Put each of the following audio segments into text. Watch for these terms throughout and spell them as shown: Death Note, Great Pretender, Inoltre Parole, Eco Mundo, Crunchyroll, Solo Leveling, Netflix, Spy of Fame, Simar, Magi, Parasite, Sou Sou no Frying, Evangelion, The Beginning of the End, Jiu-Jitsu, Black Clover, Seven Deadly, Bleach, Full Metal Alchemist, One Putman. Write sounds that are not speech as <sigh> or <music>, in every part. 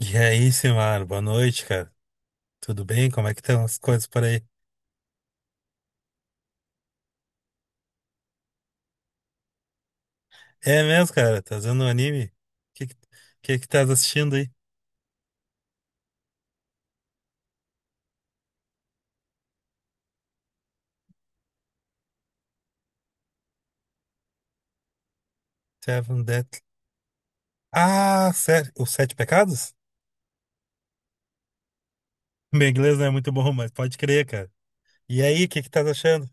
E aí, Simar, boa noite, cara. Tudo bem? Como é que estão as coisas por aí? É mesmo, cara? Tá vendo um anime? Que que, que que tá assistindo aí? Seven Deadly. Ah, sério? Os Sete Pecados? <laughs> Meu inglês não é muito bom, mas pode crer, cara. E aí, o que que tá achando?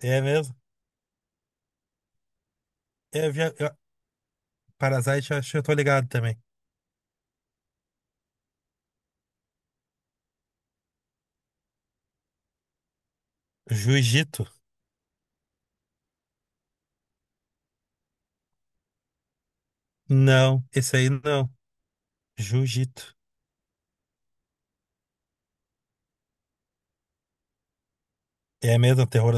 É mesmo? É, eu vi, eu, Parasite, eu acho que eu tô ligado também. Jiu-Jitsu? Não, esse aí não. Jiu-Jitsu. É mesmo, terror.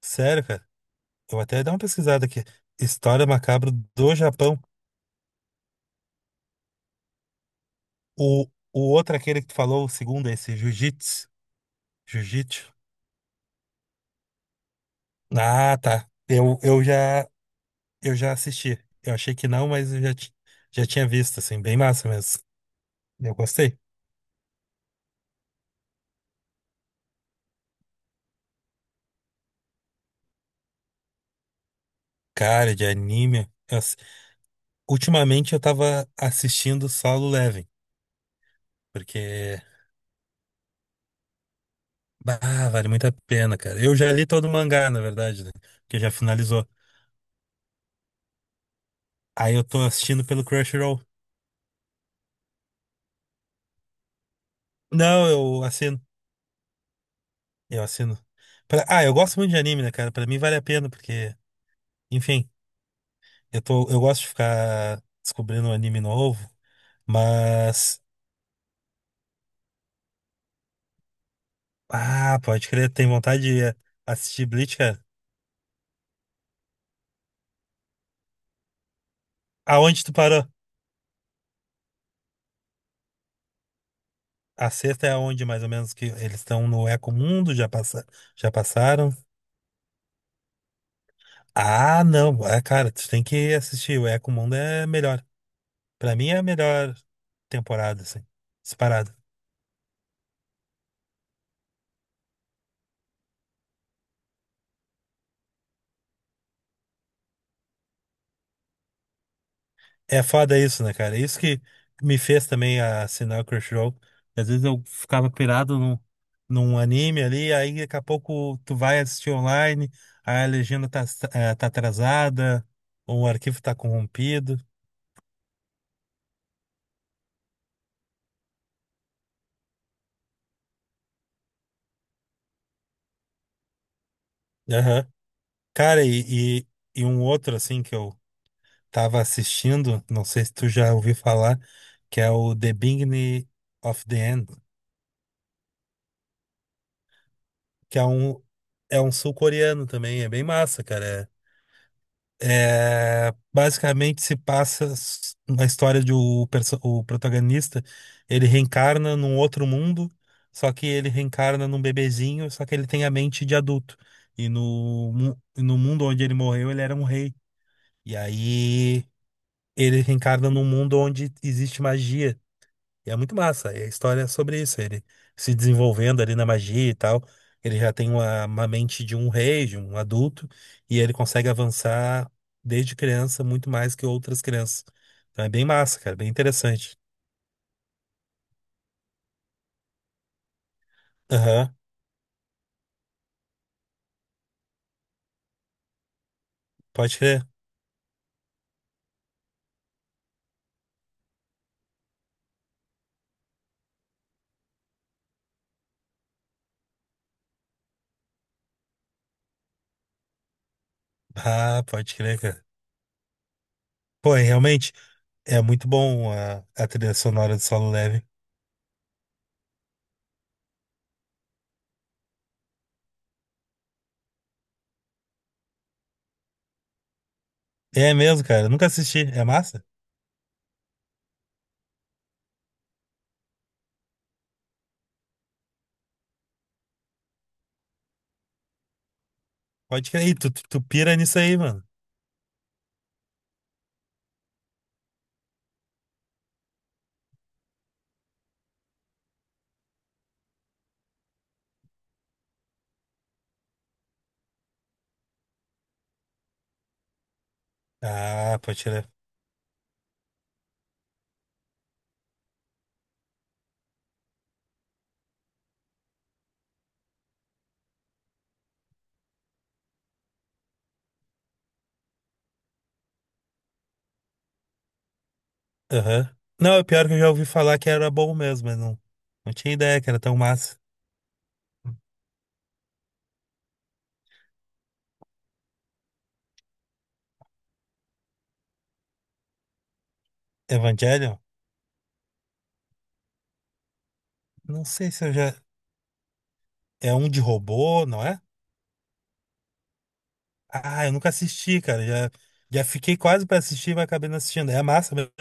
Sério, cara? Eu vou até dar uma pesquisada aqui. História macabra do Japão. O outro, aquele que tu falou, o segundo, esse Jiu-Jitsu. Jiu-Jitsu. Ah, tá. Eu já assisti. Eu achei que não, mas já tinha visto, assim, bem massa mesmo. Eu gostei. Cara, de anime. Ultimamente eu tava assistindo Solo Leveling, porque, bah, vale muito a pena, cara. Eu já li todo o mangá, na verdade, né? Que já finalizou. Aí eu tô assistindo pelo Crunchyroll. Não, eu assino. Eu assino. Ah, eu gosto muito de anime, né, cara? Pra mim vale a pena, porque enfim, eu tô, eu gosto de ficar descobrindo um anime novo, mas. Ah, pode crer, tem vontade de assistir Bleach, cara. Aonde tu parou? A sexta é aonde, mais ou menos, que eles estão no Eco Mundo, já passa, já passaram. Ah, não, é, cara, tu tem que assistir. O Eco Mundo é melhor. Pra mim é a melhor temporada, assim, disparado. É foda isso, né, cara? Isso que me fez também assinar o Crunchyroll. Às vezes eu ficava pirado num anime ali, aí daqui a pouco tu vai assistir online, aí a legenda tá, tá atrasada, ou o arquivo tá corrompido. Aham. Cara, e um outro, assim, que eu tava assistindo, não sei se tu já ouviu falar, que é o The Beginning of the End, que é um sul-coreano também, é bem massa, cara. É, basicamente se passa na história de o, o protagonista, ele reencarna num outro mundo, só que ele reencarna num bebezinho, só que ele tem a mente de adulto. E no mundo onde ele morreu, ele era um rei. E aí ele reencarna num mundo onde existe magia. E é muito massa. E a história é sobre isso. Ele se desenvolvendo ali na magia e tal. Ele já tem uma mente de um rei, de um adulto, e ele consegue avançar desde criança muito mais que outras crianças. Então é bem massa, cara, bem interessante. Aham, pode crer. Ah, pode crer, cara. Pô, e realmente é muito bom a trilha sonora de Solo Leve. É mesmo, cara. Eu nunca assisti. É massa? Pode crer. Ih, tu pira nisso aí, mano. Ah, pode crer. Aham. Não, é pior que eu já ouvi falar que era bom mesmo, mas não, não tinha ideia que era tão massa. Evangelion? Não sei se eu já. É um de robô, não é? Ah, eu nunca assisti, cara. Já, já fiquei quase pra assistir, mas acabei não assistindo. É massa mesmo?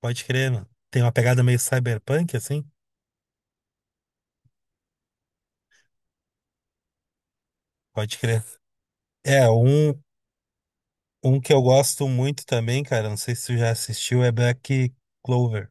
Pode crer, mano. Tem uma pegada meio cyberpunk, assim? Pode crer. É, um que eu gosto muito também, cara. Não sei se tu já assistiu, é Black Clover.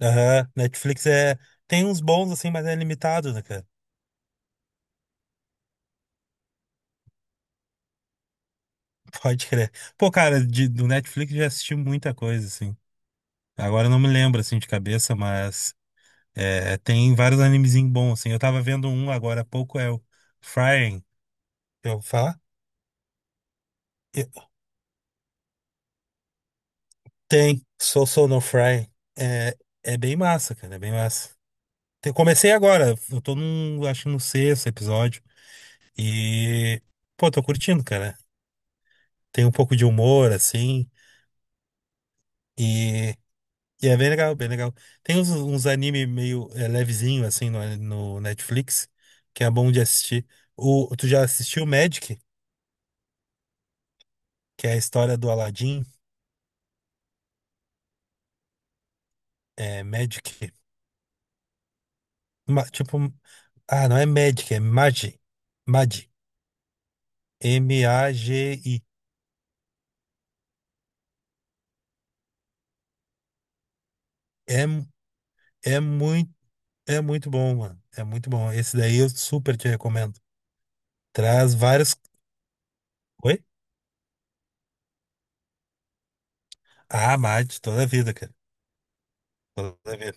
Aham. Netflix é. Tem uns bons, assim, mas é limitado, né, cara? Pode crer. Pô, cara, de, do Netflix eu já assisti muita coisa, assim. Agora eu não me lembro, assim, de cabeça, mas é, tem vários animezinhos bons, assim. Eu tava vendo um agora há pouco, é o Frying. Eu vou falar? Eu- Tem, Sou Sou no Frying. É, é bem massa, cara, é bem massa. Comecei agora, eu tô num, acho que no sexto episódio. E, pô, tô curtindo, cara. Tem um pouco de humor, assim. E é bem legal, bem legal. Tem uns, uns anime meio é, levezinho, assim, no Netflix, que é bom de assistir. O, tu já assistiu Magic, que é a história do Aladdin? É, Magic. Tipo, ah, não é Magic, é Magi. Magi. MAGI. É, mu- É muito, é muito bom, mano. É muito bom. Esse daí eu super te recomendo. Traz vários. Oi? Ah, Magi, toda a vida, cara. Toda a vida.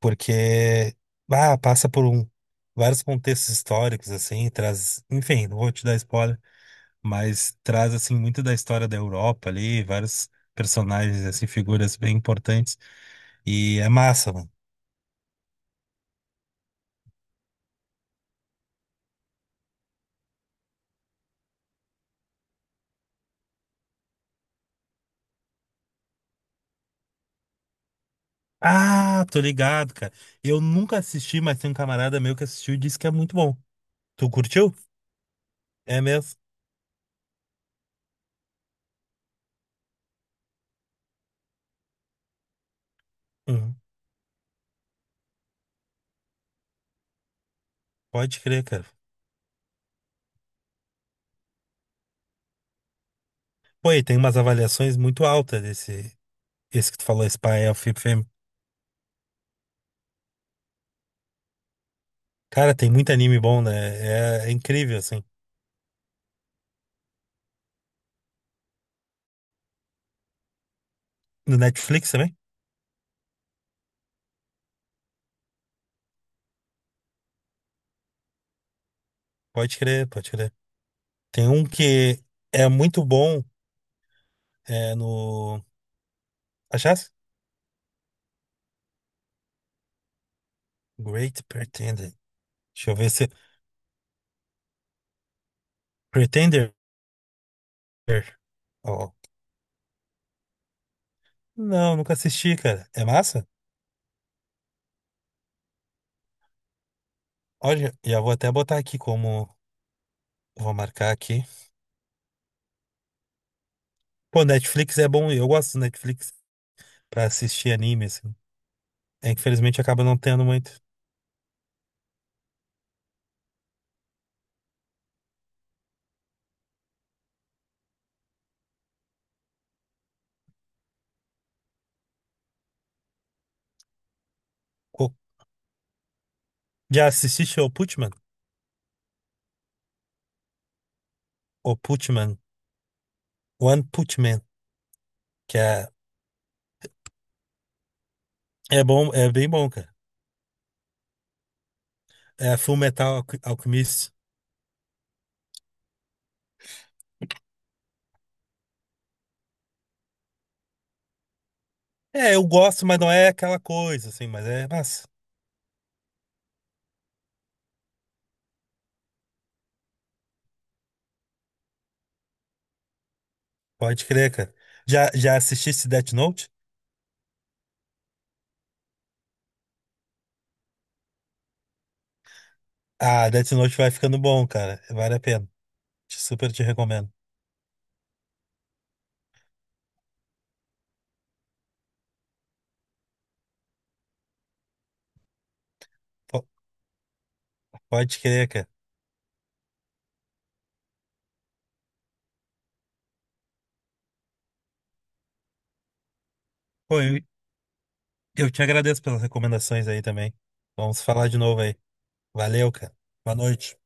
Porque ah, passa por um, vários contextos históricos assim, traz, enfim, não vou te dar spoiler, mas traz assim muito da história da Europa ali, vários personagens assim, figuras bem importantes e é massa, mano. Ah, tô ligado, cara. Eu nunca assisti, mas tem um camarada meu que assistiu e disse que é muito bom. Tu curtiu? É mesmo? Uhum. Pode crer, cara. Pô, e tem umas avaliações muito altas desse, esse que tu falou, Spy of Fame. Cara, tem muito anime bom, né? É, é incrível, assim. No Netflix também? Pode crer, pode crer. Tem um que é muito bom, é no. Achasse? Great Pretender. Deixa eu ver se. Pretender. Ó. Não, nunca assisti, cara. É massa? Olha, já vou até botar aqui como. Vou marcar aqui. Pô, Netflix é bom, eu gosto do Netflix pra assistir anime, assim. É, infelizmente acaba não tendo muito. Co- Já assististe o Putman? O Putman. One Putman. Que é, é bom, é bem bom, cara. É Full Metal Alchemist. É, eu gosto, mas não é aquela coisa, assim, mas é massa. Pode crer, cara. Já, já assististe Death Note? Ah, Death Note vai ficando bom, cara. Vale a pena. Super te recomendo. Po- Pode crer, cara. Pô, eu te agradeço pelas recomendações aí também. Vamos falar de novo aí. Valeu, cara. Boa noite.